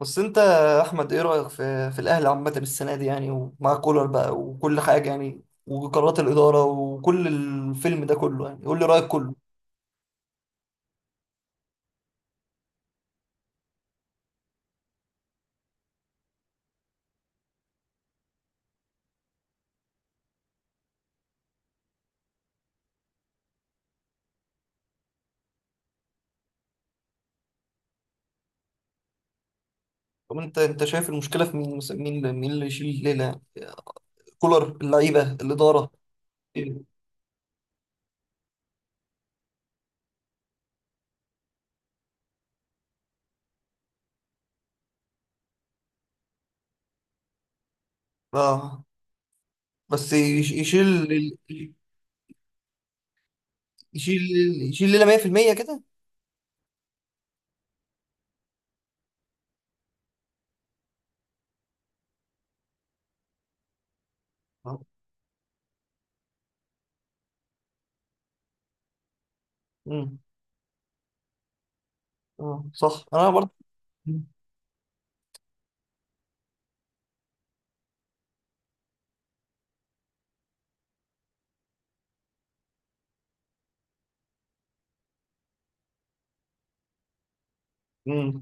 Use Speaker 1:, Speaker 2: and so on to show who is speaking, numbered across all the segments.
Speaker 1: بس انت يا احمد، ايه رايك في الاهلي عامه السنه دي يعني؟ ومع كولر بقى وكل حاجه يعني، وقرارات الاداره وكل الفيلم ده كله يعني، قول لي رايك كله. طب انت شايف المشكله في مين مثلا؟ مين اللي يشيل الليله يعني؟ كولر، اللعيبه، الاداره، إيه؟ اه، بس يشيل ال- يشيل يشيل الليله 100% كده. اه. مم. اه، صح، انا برضه. امم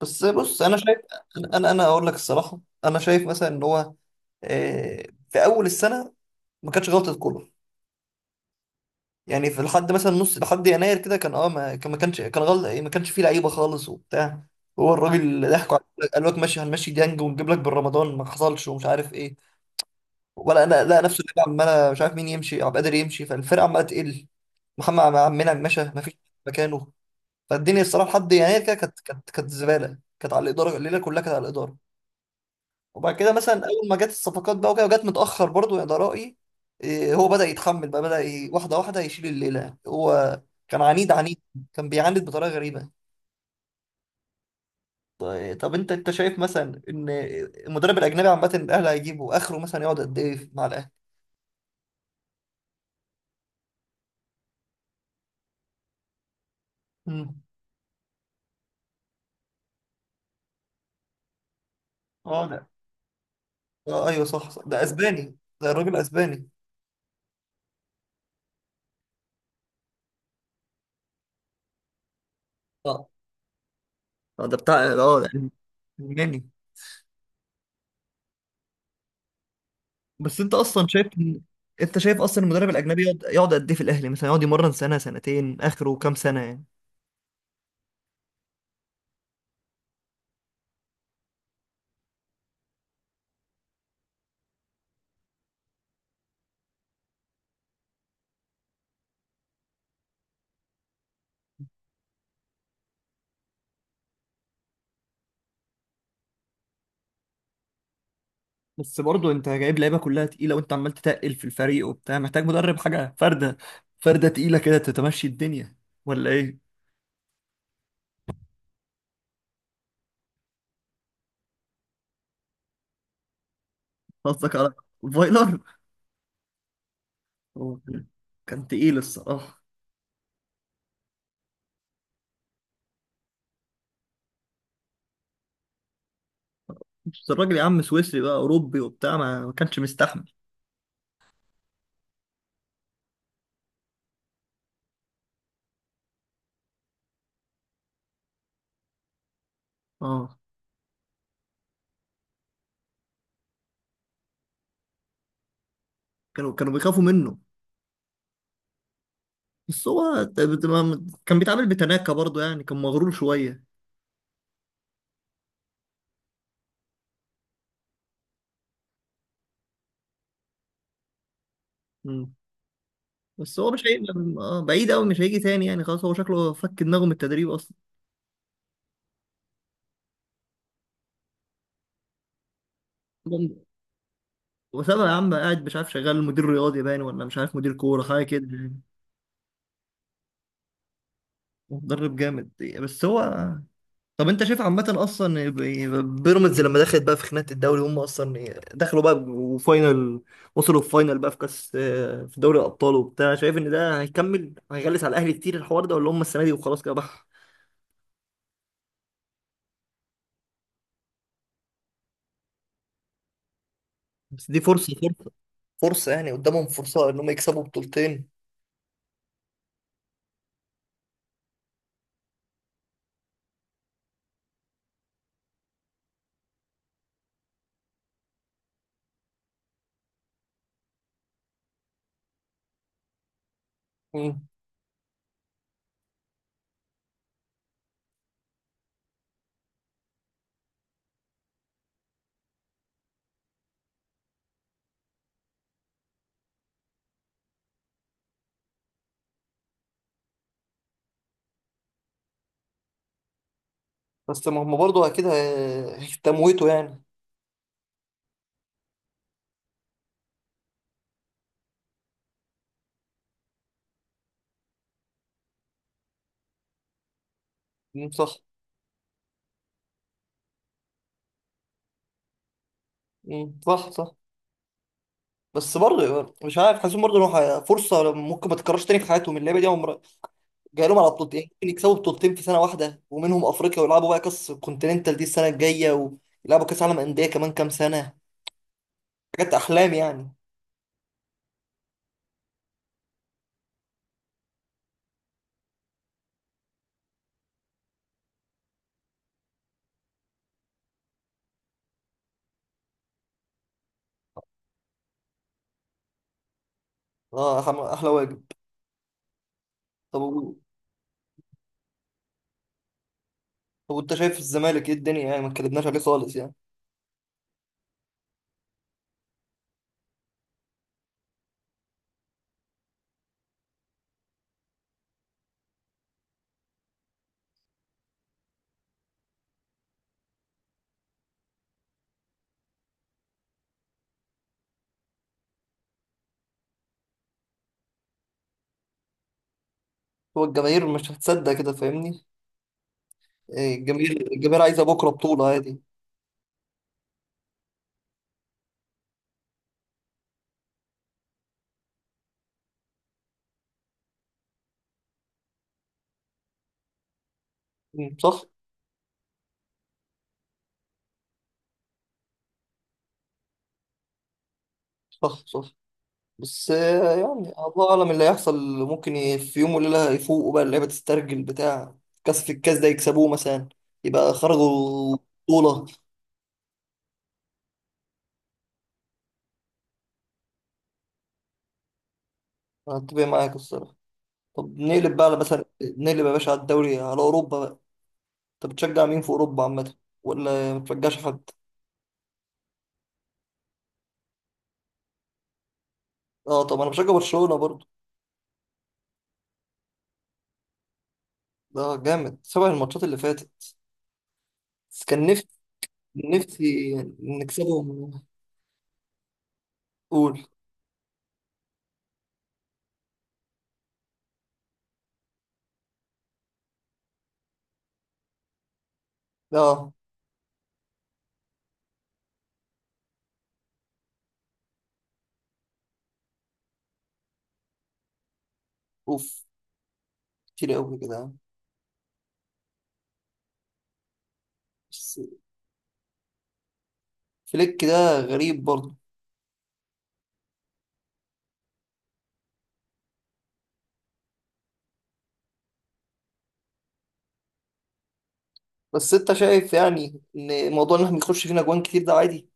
Speaker 1: بس بص، انا شايف. انا اقول لك الصراحه، انا شايف مثلا ان هو، آه، في اول السنه ما كانش غلطه كولر. يعني في، لحد مثلا نص، لحد يناير كده، كان ما كانش كان غلط، ما كانش فيه لعيبه خالص وبتاع. هو الراجل اللي ضحكوا عليه قال لك ماشي، هنمشي ديانج ونجيب لك بالرمضان، ما حصلش ومش عارف ايه ولا انا. لا، نفسه اللعيبه عماله، مش عارف مين يمشي، عبد القادر يمشي، فالفرقه عماله تقل. محمد عم منعم مشى، ما فيش مكانه. فالدنيا الصراحه لحد يناير كده كانت زباله، كانت على الاداره، الليله كلها كانت على الاداره. وبعد كده مثلا، اول ما جت الصفقات بقى وكده، وجت متاخر برضو، يا ده رايي. إيه، هو بدا يتحمل بقى، واحده واحده يشيل الليله هو. كان عنيد عنيد، كان بيعاند بطريقه غريبه. طب انت شايف مثلا ان المدرب الاجنبي عامه، الاهلي هيجيبه اخره مثلا يقعد قد ايه مع الاهلي؟ مم. اه، ده آه ايوه، صح صح. ده اسباني، ده الراجل اسباني. اه، آه، ده بتاع يعني الماني. بس انت اصلا شايف إن- انت شايف اصلا المدرب الاجنبي يقعد قد ايه في الاهلي؟ مثلا يقعد يمرن سنه سنتين، اخره كام سنه يعني؟ بس برضه انت جايب لعيبه كلها تقيله، وانت عمال تتقل في الفريق وبتاع، محتاج مدرب حاجه فرده فرده تقيله كده تتمشي الدنيا، ولا ايه؟ قصدك على فايلر. هو كان تقيل الصراحه. بس الراجل يا عم سويسري بقى، اوروبي وبتاع، ما كانش مستحمل. اه، كانوا بيخافوا منه. بس هو كان بيتعامل بتناكة برضه، يعني كان مغرور شويه. مم. بس هو مش هيبقى. اه، بعيد قوي، مش هيجي تاني يعني، خلاص هو شكله فك دماغه من التدريب. اصلا وسابها يا عم، قاعد مش عارف، شغال مدير رياضي باين، ولا مش عارف، مدير كورة حاجة كده يعني. مدرب جامد. بس هو. طب انت شايف عامة اصلا، بيراميدز لما دخلت بقى في خناقة الدوري، هم اصلا دخلوا بقى وفاينل، وصلوا الفاينل بقى في كاس، في دوري الابطال وبتاع، شايف ان ده هيكمل هيغلس على الاهلي كتير الحوار ده، ولا هم السنة دي وخلاص كده بقى؟ بس دي فرصة، فرصة، فرصة يعني، قدامهم فرصة ان هم يكسبوا بطولتين. مم. بس ما هم برضه اكيد هيتموتوا يعني. مم، صح. مم، صح صح. بس برضه مش عارف، حاسسهم برضه إنه فرصه ممكن ما تتكررش تاني في حياتهم، اللعيبه دي عمر جاي لهم على بطولتين، ممكن يكسبوا بطولتين في سنه واحده، ومنهم افريقيا، ويلعبوا بقى كاس كونتيننتال دي السنه الجايه، ويلعبوا كاس عالم انديه كمان كام سنه. حاجات احلام يعني. اه، احلى واجب. طب و- طب وانت شايف الزمالك، ايه الدنيا؟ يعني ما اتكلمناش عليه خالص يعني. هو الجماهير مش هتصدق كده، فاهمني؟ إيه، الجماهير عايزه بكره بطوله عادي. مم، صح صح صح. بس آه، يعني الله اعلم اللي هيحصل. ممكن في يوم وليله يفوقوا بقى، اللعيبه تسترجل بتاع، كاس، في الكاس ده يكسبوه مثلا، يبقى خرجوا بطوله. انا اتفق معاك الصراحه. طب نقلب بقى على، مثلا نقلب يا باشا، على الدوري، على اوروبا بقى. طب بتشجع مين في اوروبا عامه؟ ولا ما بتشجعش حد؟ اه، طب انا بشجع برشلونه برضو. ده جامد سبع الماتشات اللي فاتت. بس كان نفسي نكسبهم. قول. اه. اوف، كتير قوي كده. بس فليك ده غريب برضه. بس انت شايف يعني ان موضوع ان احنا بنخش فينا جوان كتير ده عادي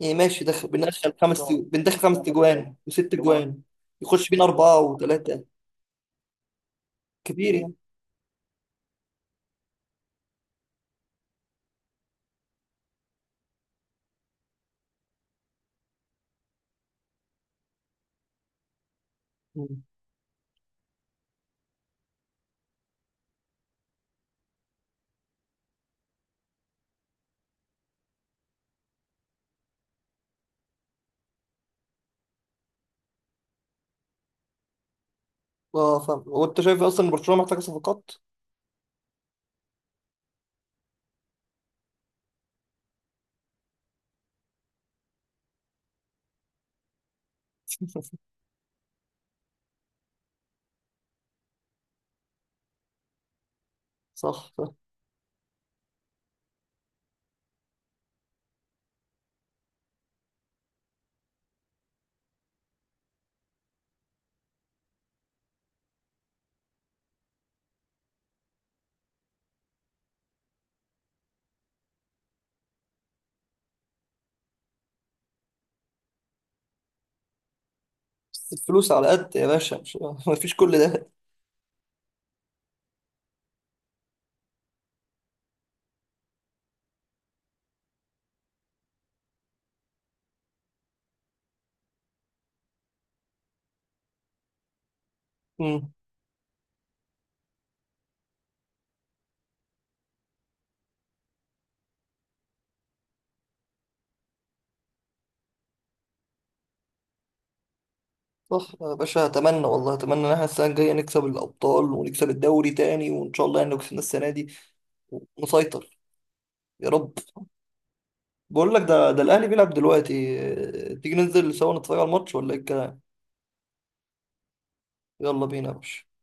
Speaker 1: يعني؟ ماشي دخل، بندخل خمس تجوان وست جوان، يخش فينا اربعه وثلاثه، كتير يعني. مم. اه، فاهم. وانت شايف اصلا ان برشلونه محتاجه صفقات؟ صح صح. بس الفلوس على قد يا باشا، مش مفيش كل ده. مم. صح يا باشا، اتمنى والله اتمنى ان احنا السنه الجايه نكسب الابطال ونكسب الدوري تاني، وان شاء الله يعني لو كسبنا السنه دي ونسيطر، يا رب. بقول لك، ده الاهلي بيلعب دلوقتي. آه، تيجي ننزل سوا نتفرج على الماتش، ولا ايه الكلام؟ يلا بينا يا باشا.